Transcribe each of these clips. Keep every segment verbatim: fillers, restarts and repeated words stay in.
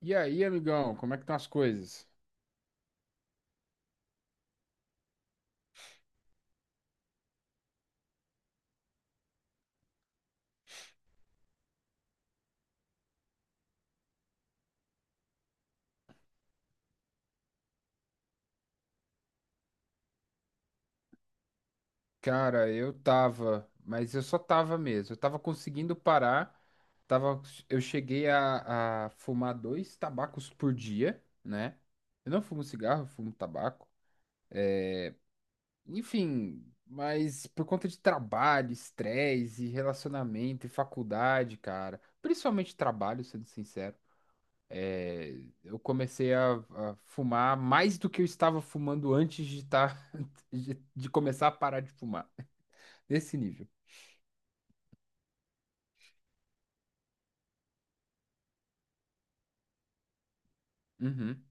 E aí, amigão, como é que estão as coisas? Cara, eu tava, mas eu só tava mesmo. Eu tava conseguindo parar. Tava, eu cheguei a, a fumar dois tabacos por dia, né? Eu não fumo cigarro, eu fumo tabaco. Enfim, mas por conta de trabalho, estresse, e relacionamento e faculdade, cara. Principalmente trabalho, sendo sincero. É, eu comecei a, a fumar mais do que eu estava fumando antes de, tá, de, de começar a parar de fumar. Desse nível. Uhum,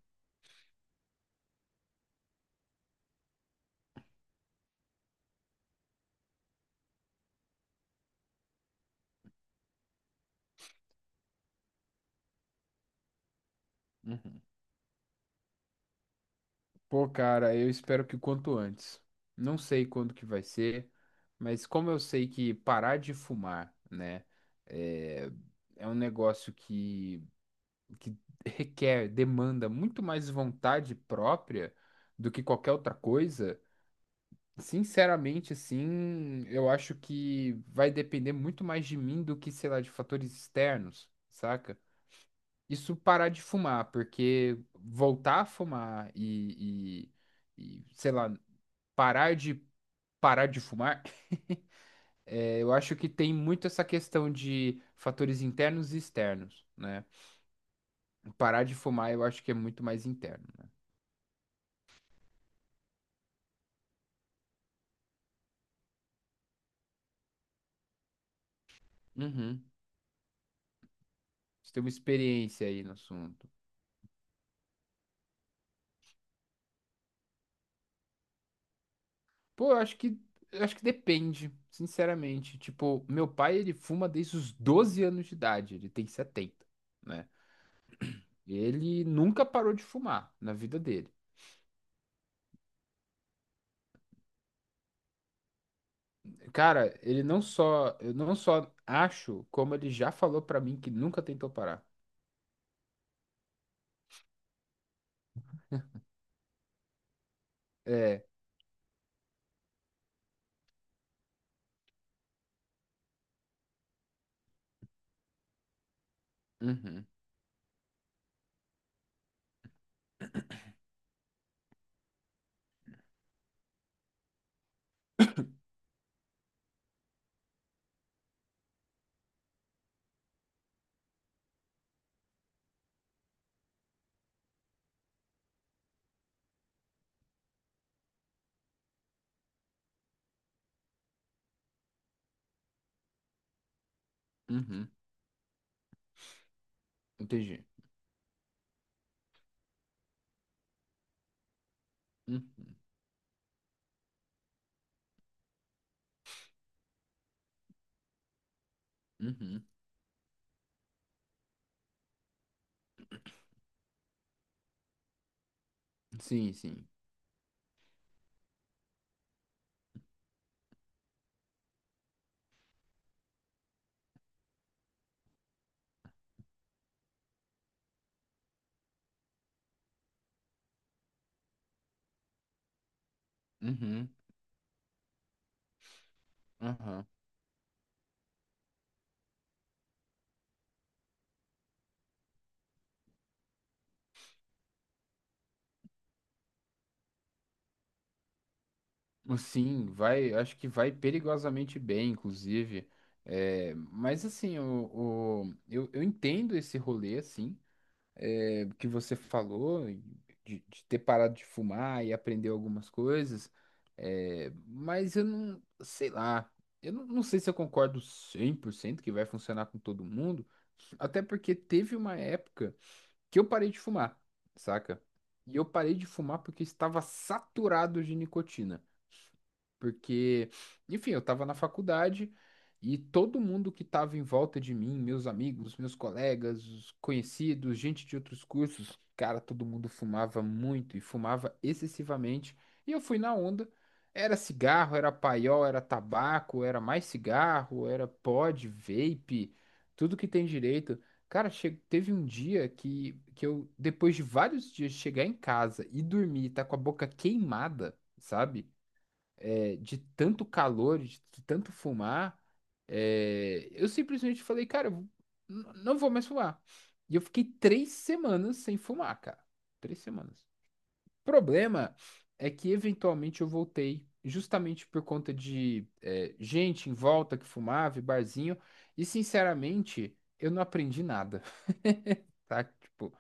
uhum. Pô, cara, eu espero que o quanto antes. Não sei quando que vai ser, mas como eu sei que parar de fumar, né, é, é um negócio que, que requer, demanda muito mais vontade própria do que qualquer outra coisa. Sinceramente, assim, eu acho que vai depender muito mais de mim do que, sei lá, de fatores externos, saca? Isso parar de fumar, porque voltar a fumar e, e, e, sei lá, parar de parar de fumar, eh, eu acho que tem muito essa questão de fatores internos e externos, né? Parar de fumar eu acho que é muito mais interno, né? Uhum. Você tem uma experiência aí no assunto. Pô, eu acho que eu acho que depende, sinceramente. Tipo, meu pai, ele fuma desde os doze anos de idade, ele tem setenta, né? Ele nunca parou de fumar na vida dele. Cara, ele não só, eu não só acho, como ele já falou pra mim que nunca tentou parar. É, uhum, uhum, entendi. Uhum, uhum, sim, sim, uhum, aham. Sim, vai, acho que vai perigosamente bem, inclusive. É, mas assim, o, o- eu, eu entendo esse rolê, assim, é, que você falou, e de, de ter parado de fumar e aprender algumas coisas, é, mas eu não, sei lá, eu não, não sei se eu concordo cem por cento que vai funcionar com todo mundo, até porque teve uma época que eu parei de fumar, saca? E eu parei de fumar porque estava saturado de nicotina. Porque, enfim, eu estava na faculdade e todo mundo que estava em volta de mim, meus amigos, meus colegas, os conhecidos, gente de outros cursos, cara, todo mundo fumava muito e fumava excessivamente. E eu fui na onda. Era cigarro, era paiol, era tabaco, era mais cigarro, era pod, vape, tudo que tem direito. Cara, che- teve um dia que, que eu, depois de vários dias, de chegar em casa e dormir, tá com a boca queimada, sabe? É, de tanto calor, de, de tanto fumar, é, eu simplesmente falei, cara, eu vou- n- não vou mais fumar. E eu fiquei três semanas sem fumar, cara. Três semanas. O problema é que eventualmente eu voltei, justamente por conta de é, gente em volta que fumava, e barzinho, e sinceramente, eu não aprendi nada, tá? Tipo,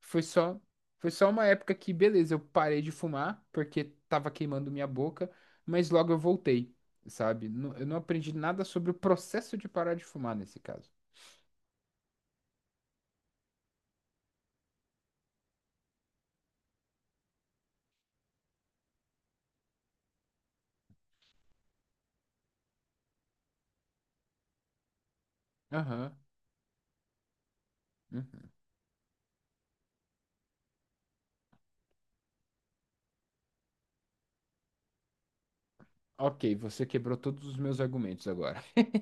foi só, foi só uma época que, beleza, eu parei de fumar porque tava queimando minha boca, mas logo eu voltei, sabe? Nu- Eu não aprendi nada sobre o processo de parar de fumar nesse caso. Aham. Uhum. Ok, você quebrou todos os meus argumentos agora.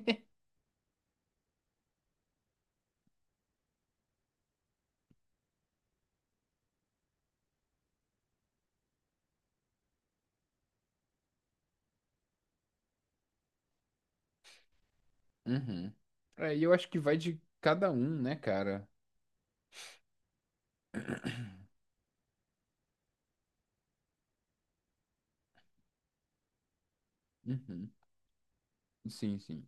Uhum. É, e eu acho que vai de cada um, né, cara? Uhum. Sim, sim.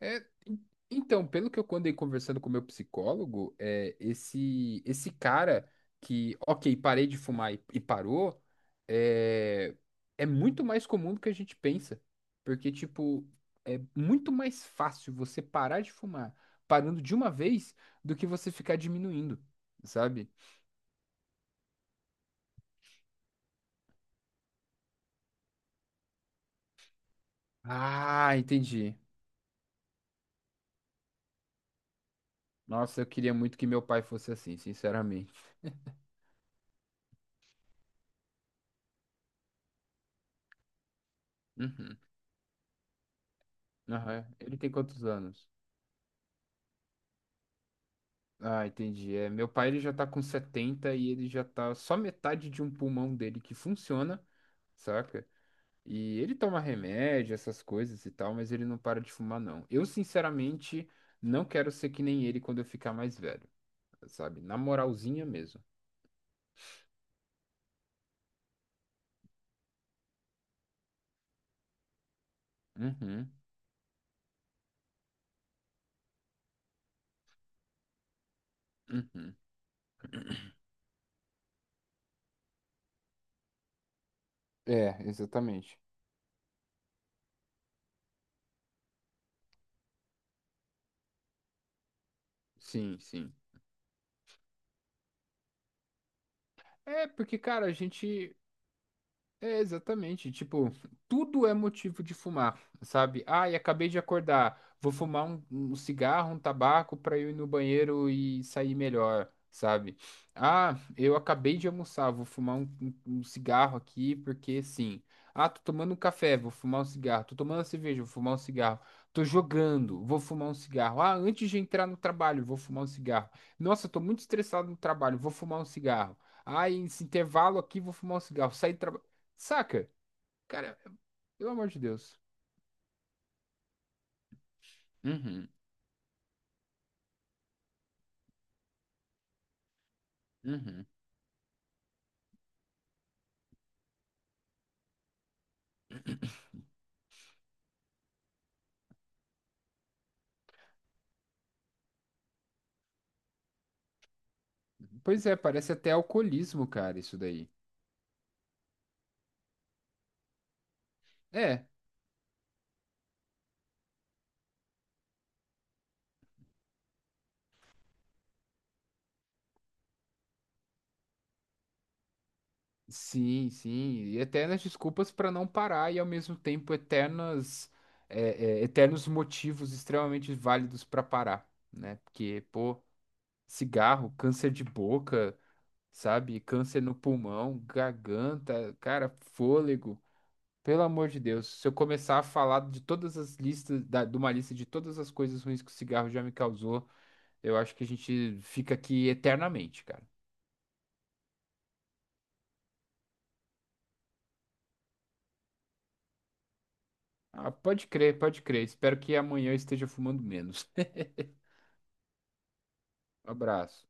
É, en- então, pelo que eu andei conversando com o meu psicólogo, é, esse, esse cara que, ok, parei de fumar e, e parou, é, é muito mais comum do que a gente pensa. Porque, tipo, é muito mais fácil você parar de fumar parando de uma vez do que você ficar diminuindo, sabe? Ah, entendi. Nossa, eu queria muito que meu pai fosse assim, sinceramente. Uhum. Aham. Ele tem quantos anos? Ah, entendi. É, meu pai ele já tá com setenta e ele já tá só metade de um pulmão dele que funciona, saca? E ele toma remédio, essas coisas e tal, mas ele não para de fumar, não. Eu, sinceramente, não quero ser que nem ele quando eu ficar mais velho, sabe? Na moralzinha mesmo. Uhum, uhum. É, exatamente. Sim, sim. É, porque, cara, a gente. É, exatamente. Tipo, tudo é motivo de fumar, sabe? Ah, e acabei de acordar. Vou fumar um, um cigarro, um tabaco pra eu ir no banheiro e sair melhor, sabe? Ah, eu acabei de almoçar. Vou fumar um, um- um cigarro aqui porque sim. Ah, tô tomando um café. Vou fumar um cigarro. Tô tomando uma cerveja. Vou fumar um cigarro. Tô jogando. Vou fumar um cigarro. Ah, antes de entrar no trabalho, vou fumar um cigarro. Nossa, tô muito estressado no trabalho. Vou fumar um cigarro. Ah, esse intervalo aqui, vou fumar um cigarro. Saí do Saca? Cara, pelo amor de Deus. Uhum, uhum. Pois é, parece até alcoolismo, cara, isso daí. É, sim, sim. E eternas desculpas pra não parar e ao mesmo tempo eternas, é, é, eternos motivos extremamente válidos pra parar, né? Porque, pô, cigarro, câncer de boca, sabe? Câncer no pulmão, garganta, cara, fôlego. Pelo amor de Deus, se eu começar a falar de todas as listas, da- de uma lista de todas as coisas ruins que o cigarro já me causou, eu acho que a gente fica aqui eternamente, cara. Ah, pode crer, pode crer. Espero que amanhã eu esteja fumando menos. Um abraço.